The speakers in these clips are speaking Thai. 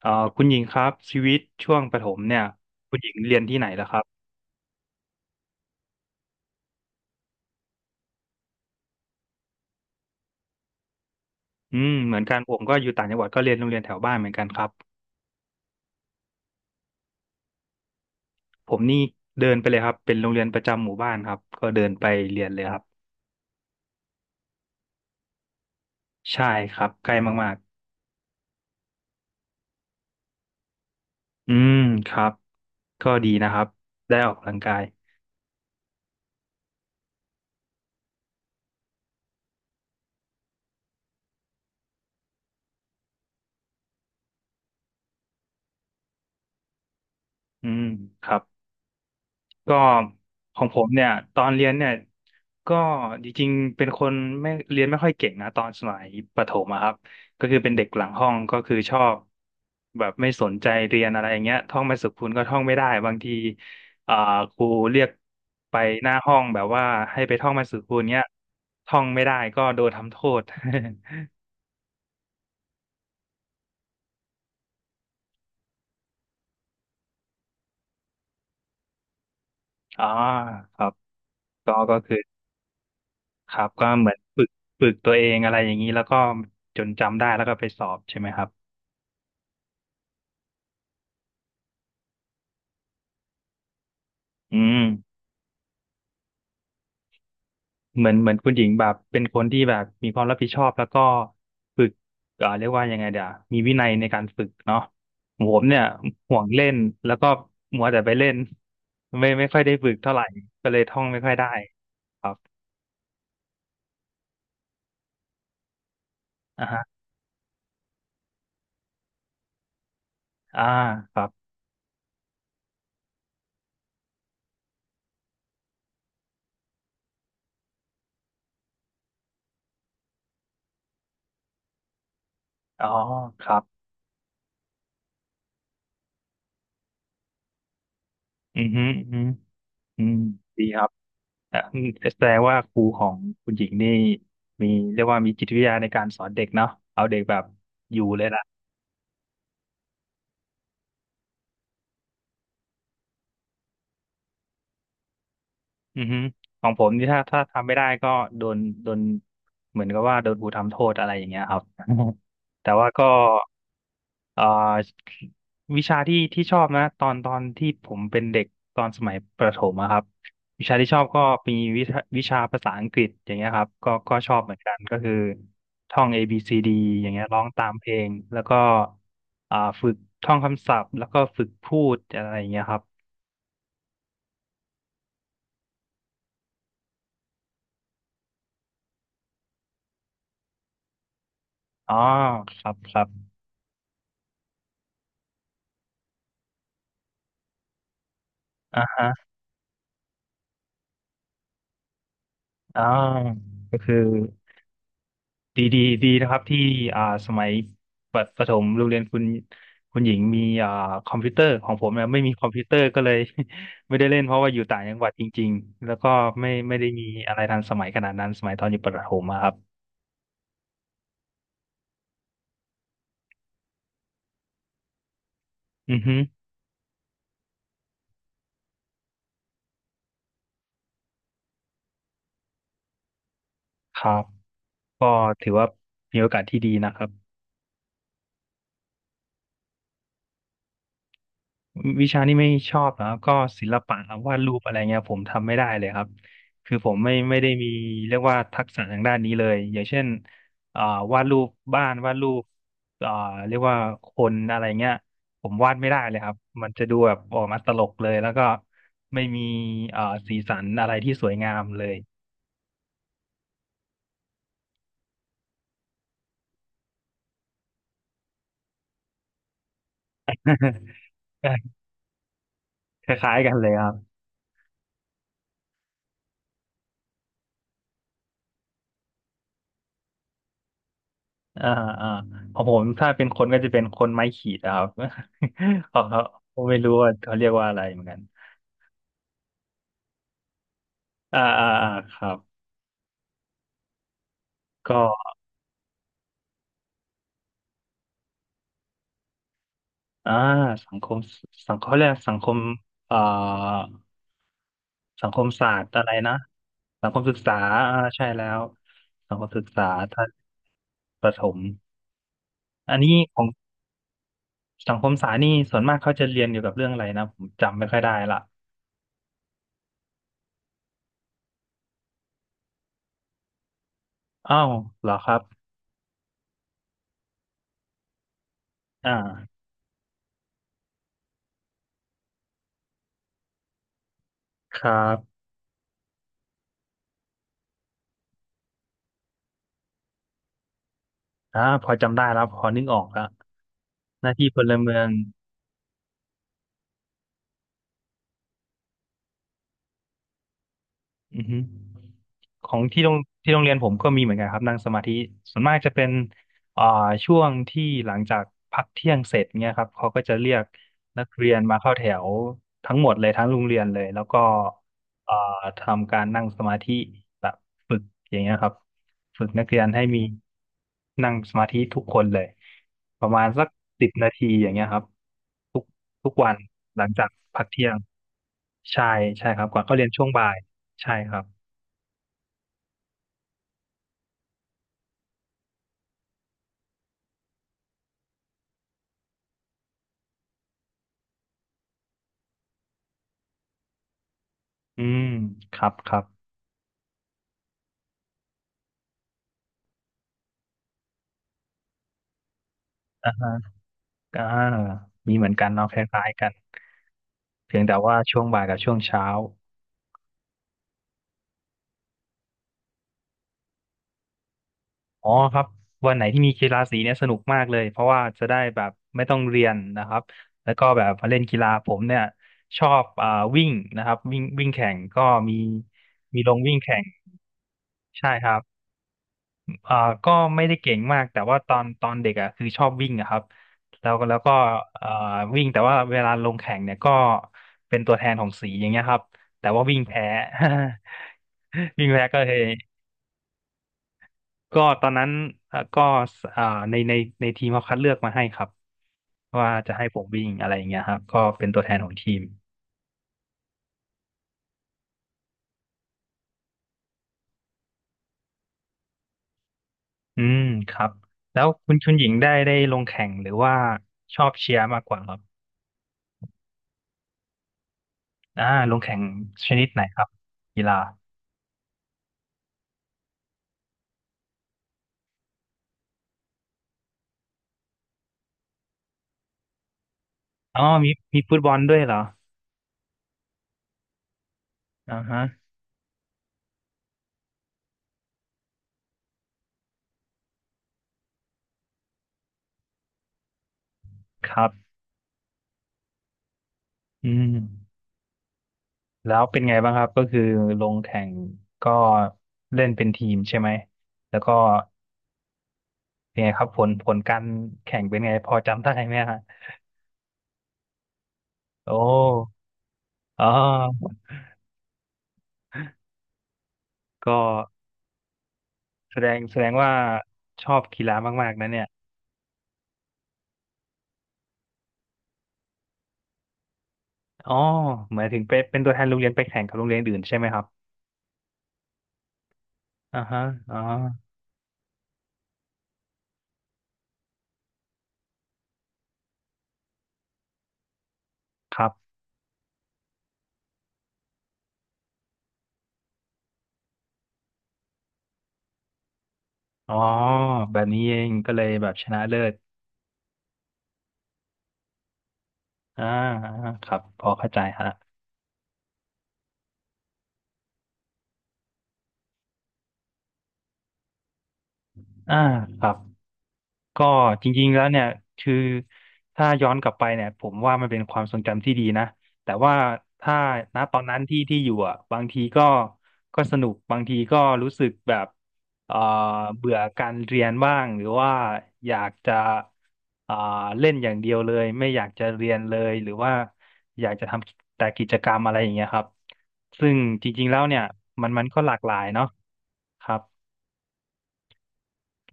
เอ่อคุณหญิงครับชีวิตช่วงประถมเนี่ยคุณหญิงเรียนที่ไหนล่ะครับอืมเหมือนกันผมก็อยู่ต่างจังหวัดก็เรียนโรงเรียนแถวบ้านเหมือนกันครับผมนี่เดินไปเลยครับเป็นโรงเรียนประจำหมู่บ้านครับก็เดินไปเรียนเลยครับใช่ครับใกล้มากๆอืมครับก็ดีนะครับได้ออกกำลังกายอืมครับ ก็ของผมเนี่ยตอนเรียนเนี่ยก็จริงๆเป็นคนไม่เรียนไม่ค่อยเก่งนะตอนสมัยประถมอะครับก็คือเป็นเด็กหลังห้องก็คือชอบแบบไม่สนใจเรียนอะไรอย่างเงี้ยท่องไม่สุขคุณก็ท่องไม่ได้บางทีอ่าครูเรียกไปหน้าห้องแบบว่าให้ไปท่องมาสุขคุณเงี้ยท่องไม่ได้ก็โดนทำโทษ อ๋อครับก็คือครับก็เหมือนฝึกตัวเองอะไรอย่างนี้แล้วก็จนจำได้แล้วก็ไปสอบใช่ไหมครับอืม เหมือนคุณหญิงแบบเป็นคนที่แบบมีความรับผิดชอบแล้วก็ฝึกเรียกว่ายังไงเดี๋ยวมีวินัยในการฝึกเนาะผมเนี่ยห่วงเล่นแล้วก็มัวแต่ไปเล่นไม่ค่อยได้ฝึกเท่าไหร่ก็เลยท่องไม่ค่อยได้ครับอ่าฮะอ่าครับอ๋อครับอือฮึอือฮึอืมดีครับอ่ะแสดงว่าครูของคุณหญิงนี่มีเรียกว่ามีจิตวิทยาในการสอนเด็กเนาะเอาเด็กแบบอยู่เลยล่ะ อือฮึของผมนี่ถ้าทำไม่ได้ก็โดนโดนเหมือนกับว่าโดนครูทำโทษอะไรอย่างเงี้ยครับ แต่ว่าก็เอ่อวิชาที่ชอบนะตอนที่ผมเป็นเด็กตอนสมัยประถมอะครับวิชาที่ชอบก็มีวิชาภาษาอังกฤษอย่างเงี้ยครับก็ชอบเหมือนกันก็คือท่อง A B C D อย่างเงี้ยร้องตามเพลงแล้วก็ฝึกท่องคำศัพท์แล้วก็ฝึกพูดอะไรอย่างเงี้ยครับอ๋อครับครับอ่า อ่าก็คือดีนะครับที่สมัยประถมโรงเรียนคุณหญิงมีคอมพิวเตอร์ของผมเนี่ยไม่มีคอมพิวเตอร์ก็เลย ไม่ได้เล่นเพราะว่าอยู่ต่างจังหวัดจริงๆแล้วก็ไม่ได้มีอะไรทันสมัยขนาดนั้นสมัยตอนอยู่ประถมอะครับอือฮึครับก็ถือว่ามีโอกาสที่ดีนะครับ วิชานี้ไม่ชอบนะครับก็ศิลปะครับวาดรูปอะไรเงี้ยผมทำไม่ได้เลยครับคือผมไม่ได้มีเรียกว่าทักษะทางด้านนี้เลยอย่างเช่นอ่าวาดรูปบ้านวาดรูปอ่าเรียกว่าคนอะไรเงี้ยผมวาดไม่ได้เลยครับมันจะดูแบบออกมาตลกเลยแล้วก็ไม่มีอ่าสีสันอะไรที่สวยงามเลย คล้ายๆกันเลยครับอ่าอ่าของผมถ้าเป็นคนก็จะเป็นคนไม้ขีดอะครับ ของเขาผมไม่รู้ว่าเขาเรียกว่าอะไรเหมือนกัน อ่าอ่าอ่าครับก็อ่าสังคมสังคมแรยกสังคมเอ่อสังคมศาสตร์อะไรนะสังคมศึกษาอ่าใช่แล้วสังคมศึกษาท่านประถมอันนี้ของสังคมศาสตร์นี่ส่วนมากเขาจะเรียนเกี่ยวกับเรื่องอะไรนะผมจำไม่ค่อยได้ละอ้าวเหรอครับอ่าครับพอจำได้แล้วพอนึกออกละหน้าที่พลเมือง อือฮึของที่โรงเรียนผมก็มีเหมือนกันครับนั่งสมาธิส่วนมากจะเป็นอ่าช่วงที่หลังจากพักเที่ยงเสร็จเนี่ยครับเขาก็จะเรียกนักเรียนมาเข้าแถวทั้งหมดเลยทั้งโรงเรียนเลยแล้วก็อ่าทำการนั่งสมาธิแบบฝึกอย่างเงี้ยครับฝึกนักเรียนให้มีนั่งสมาธิทุกคนเลยประมาณสักสิบนาทีอย่างเงี้ยครับทุกทุกวันหลังจากพักเที่ยงใช่ใช่ครับก่อนเข้าเรียนช่วงบ่าย ใช่ครับอืมครับครับอ่าฮะอ่ามีเหมือนกันเนาะคล้ายๆกัน เพียงแต่ว่าช่วงบ่ายกับช่วงเช้า อ๋อครับ วันไหนที่มีกีฬาสีเนี่ยสนุกมากเลย เพราะว่าจะได้แบบไม่ต้องเรียนนะครับ แล้วก็แบบมาเล่นกีฬาผมเนี่ยชอบวิ่งนะครับ วิ่งวิ่งแข่งก็มีมีลงวิ่งแข่งใช่ครับ อ่าก็ไม่ได้เก่งมากแต่ว่าตอนเด็กอ่ะคือชอบวิ่งอะครับแล้วก็อ่าวิ่งแต่ว่าเวลาลงแข่งเนี่ยก็เป็นตัวแทนของสีอย่างเงี้ยครับแต่ว่าวิ่งแพ้ วิ่งแพ้ก็เลยก็ตอนนั้นก็อ่าในในในทีมเขาคัดเลือกมาให้ครับว่าจะให้ผมวิ่งอะไรอย่างเงี้ยครับก็เป็นตัวแทนของทีมอืมครับแล้วคุณชุนหญิงได้ลงแข่งหรือว่าชอบเชียร์มากกว่าครับอ่าลงแข่งชนิดไหนครับกีฬา อ๋อมีฟุตบอลด้วยเหรออ่าฮะครับอืมแล้วเป็นไงบ้างครับ ก็คือลงแข่งก็เล่นเป็นทีมใช่ไหม แล้วก็เป็นไงครับผลการแข่งเป็นไงพอจำได้ไหมฮะโอ้อ๋อก็แสดงว่าชอบกีฬามากๆนะเนี่ยอ๋อหมายถึงเป็นตัวแทนโรงเรียนไปแข่งกับโรงเรียนอื่นใช่ไหมครับอ่าฮะอ๋อครับอ๋อแบบนี้เองก็เลยแบบชนะเลิศอ่าอ่าครับพอเข้าใจฮะ อ่าครับก็จริงๆแล้วเนี่ยคือถ้าย้อนกลับไปเนี่ยผมว่ามันเป็นความทรงจำที่ดีนะแต่ว่าถ้าณตอนนั้นที่อยู่อ่ะบางทีก็ก็สนุกบางทีก็รู้สึกแบบเอ่อเบื่อการเรียนบ้างหรือว่าอยากจะเอ่อเล่นอย่างเดียวเลยไม่อยากจะเรียนเลยหรือว่าอยากจะทำแต่กิจกรรมอะไรอย่างเงี้ยครับซึ่งจริงๆแล้วเนี่ยมันก็หลากหลายเนาะครับ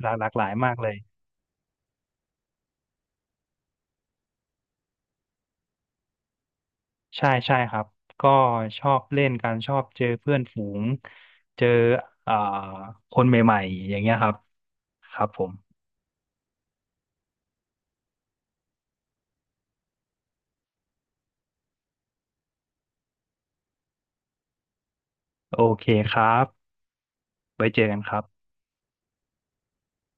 หลากหลายมากเลย ใช่ใช่ครับก็ชอบเล่นกันชอบเจอเพื่อนฝูงเจออ่าคนใหม่ๆอย่างเงี้ยครับครับผมโอเคครับไว้เจอกันครับ